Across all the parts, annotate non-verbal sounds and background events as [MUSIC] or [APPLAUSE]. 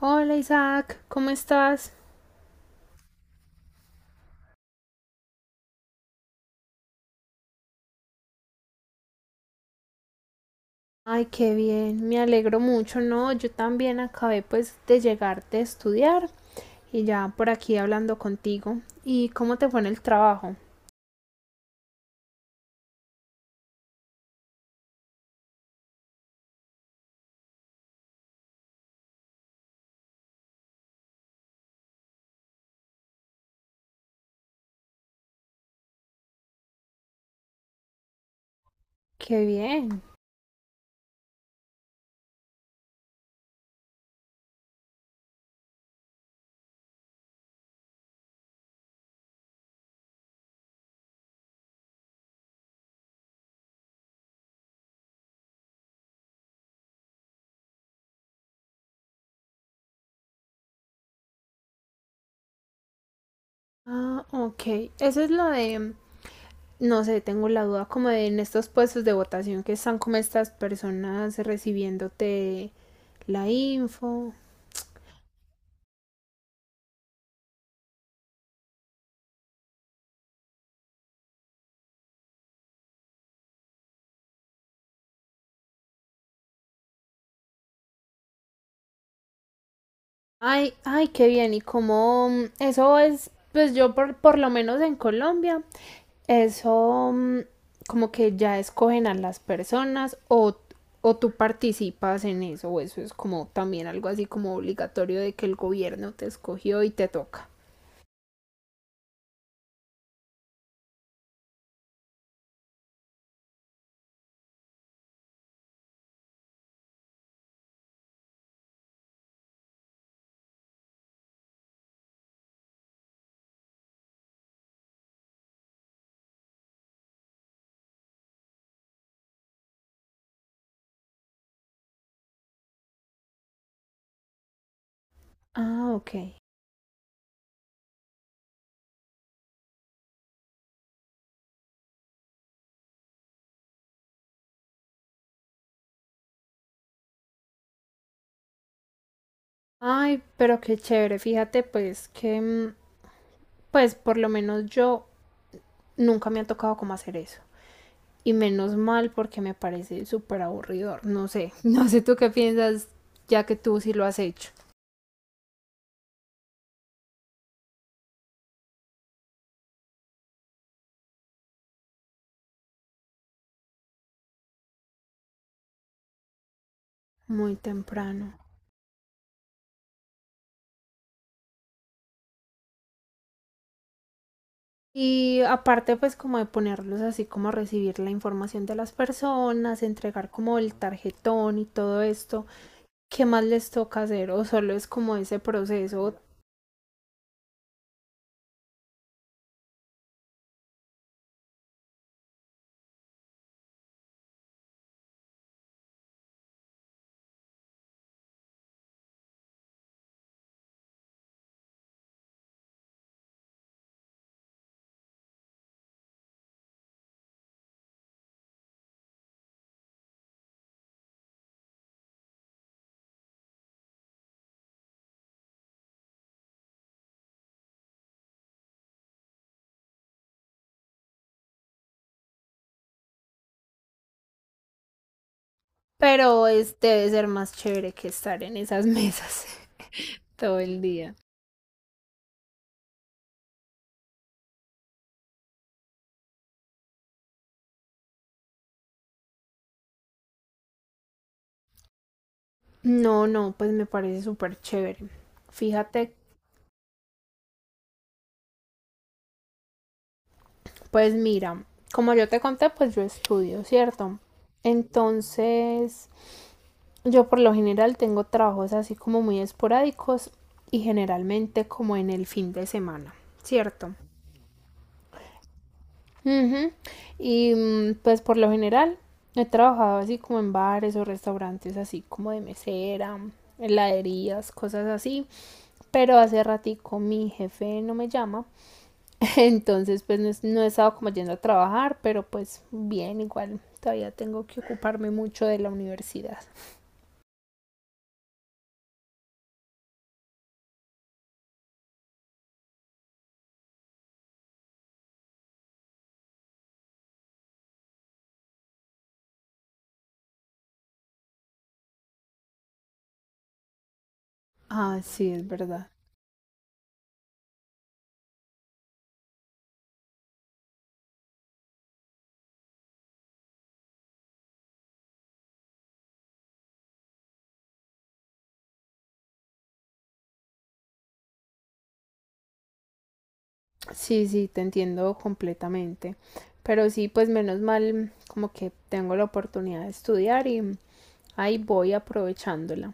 Hola Isaac, ¿cómo estás? Ay, qué bien, me alegro mucho, ¿no? Yo también acabé pues de llegar de estudiar y ya por aquí hablando contigo. ¿Y cómo te fue en el trabajo? Qué bien. Ah, ok. Eso es lo de, no sé, tengo la duda como de en estos puestos de votación que están como estas personas recibiéndote la info. Ay, ay, qué bien. Y como eso es, pues yo por lo menos en Colombia. Eso como que ya escogen a las personas, o tú participas en eso, o eso es como también algo así como obligatorio de que el gobierno te escogió y te toca. Ah, ok. Ay, pero qué chévere, fíjate pues que pues por lo menos yo nunca me ha tocado como hacer eso. Y menos mal porque me parece súper aburridor. No sé, [LAUGHS] no sé tú qué piensas ya que tú sí lo has hecho. Muy temprano. Y aparte, pues como de ponerlos así como a recibir la información de las personas, entregar como el tarjetón y todo esto, ¿qué más les toca hacer? O solo es como ese proceso, pero es, debe ser más chévere que estar en esas mesas [LAUGHS] todo el día. No, no, pues me parece súper chévere. Fíjate, pues mira, como yo te conté, pues yo estudio, ¿cierto? Entonces, yo por lo general tengo trabajos así como muy esporádicos y generalmente como en el fin de semana, ¿cierto? Ujú. Y pues por lo general he trabajado así como en bares o restaurantes así como de mesera, heladerías, cosas así, pero hace ratico mi jefe no me llama, [LAUGHS] entonces pues no, no he estado como yendo a trabajar, pero pues bien, igual todavía tengo que ocuparme mucho de la universidad. Ah, sí, es verdad. Sí, sí, te entiendo completamente. Pero sí, pues menos mal, como que tengo la oportunidad de estudiar y ahí voy aprovechándola.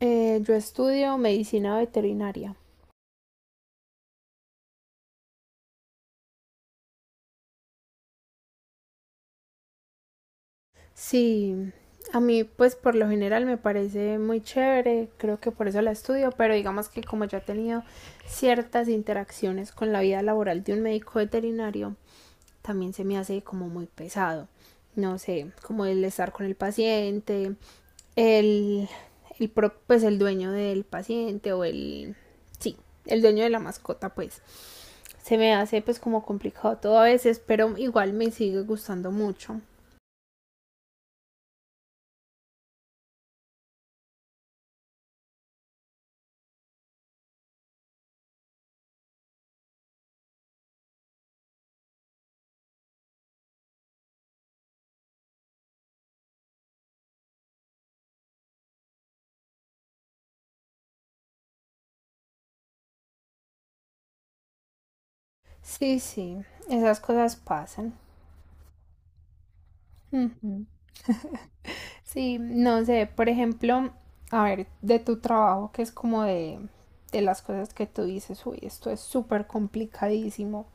Yo estudio medicina veterinaria. Sí, a mí pues por lo general me parece muy chévere, creo que por eso la estudio, pero digamos que como yo he tenido ciertas interacciones con la vida laboral de un médico veterinario, también se me hace como muy pesado. No sé, como el estar con el paciente, el, el pues el dueño del paciente, o el, sí, el dueño de la mascota, pues se me hace pues como complicado todo a veces, pero igual me sigue gustando mucho. Sí, sí, esas cosas pasan. Ujú. Sí, no sé, por ejemplo, a ver, de tu trabajo, que es como de las cosas que tú dices, uy, esto es súper complicadísimo.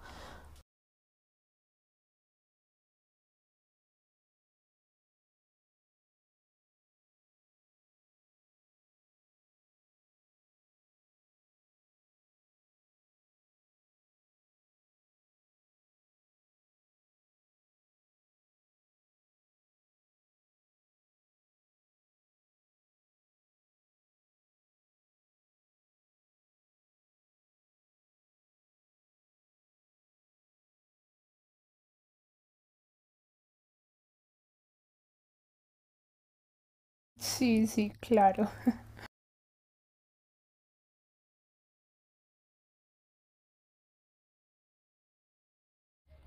Sí, sí, claro. [LAUGHS]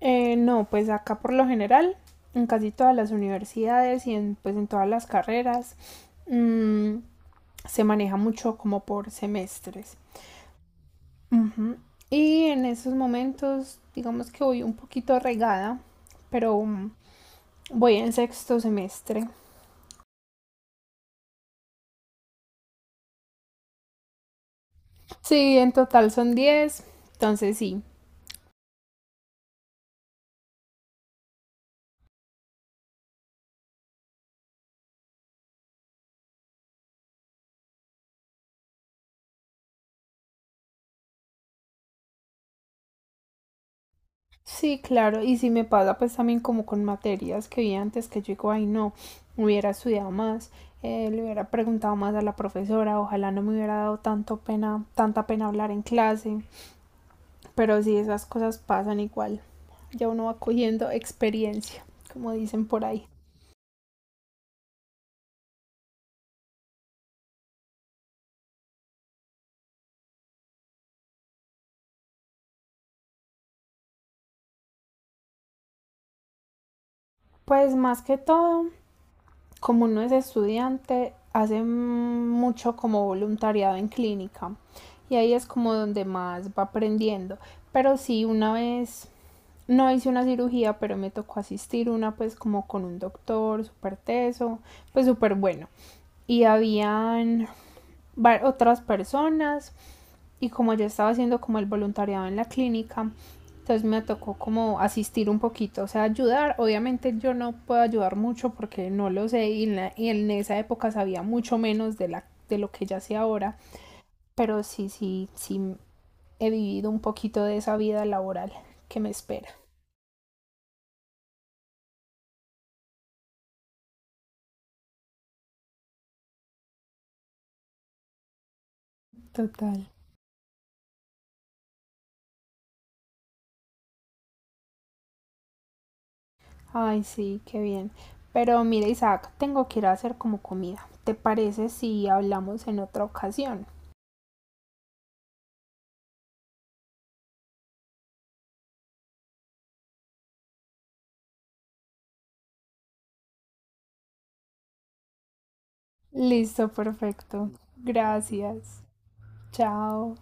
No, pues acá por lo general, en casi todas las universidades y en, pues en todas las carreras, mm, se maneja mucho como por semestres. Ujú. Y en esos momentos, digamos que voy un poquito regada, pero voy en sexto semestre. Sí, en total son 10, entonces sí. Sí, claro, y si me pasa pues también como con materias que vi antes, que yo digo, ay no, hubiera estudiado más, le hubiera preguntado más a la profesora, ojalá no me hubiera dado tanto pena, tanta pena hablar en clase, pero sí, esas cosas pasan igual, ya uno va cogiendo experiencia, como dicen por ahí. Pues más que todo, como uno es estudiante, hace mucho como voluntariado en clínica y ahí es como donde más va aprendiendo, pero sí, una vez no hice una cirugía, pero me tocó asistir una pues como con un doctor súper teso, pues súper bueno. Y habían otras personas y como yo estaba haciendo como el voluntariado en la clínica, entonces me tocó como asistir un poquito, o sea, ayudar. Obviamente yo no puedo ayudar mucho porque no lo sé y en, la, y en esa época sabía mucho menos de lo que ya sé ahora, pero sí, sí, sí he vivido un poquito de esa vida laboral que me espera. Total. Ay, sí, qué bien. Pero mira, Isaac, tengo que ir a hacer como comida. ¿Te parece si hablamos en otra ocasión? Listo, perfecto. Gracias. Chao.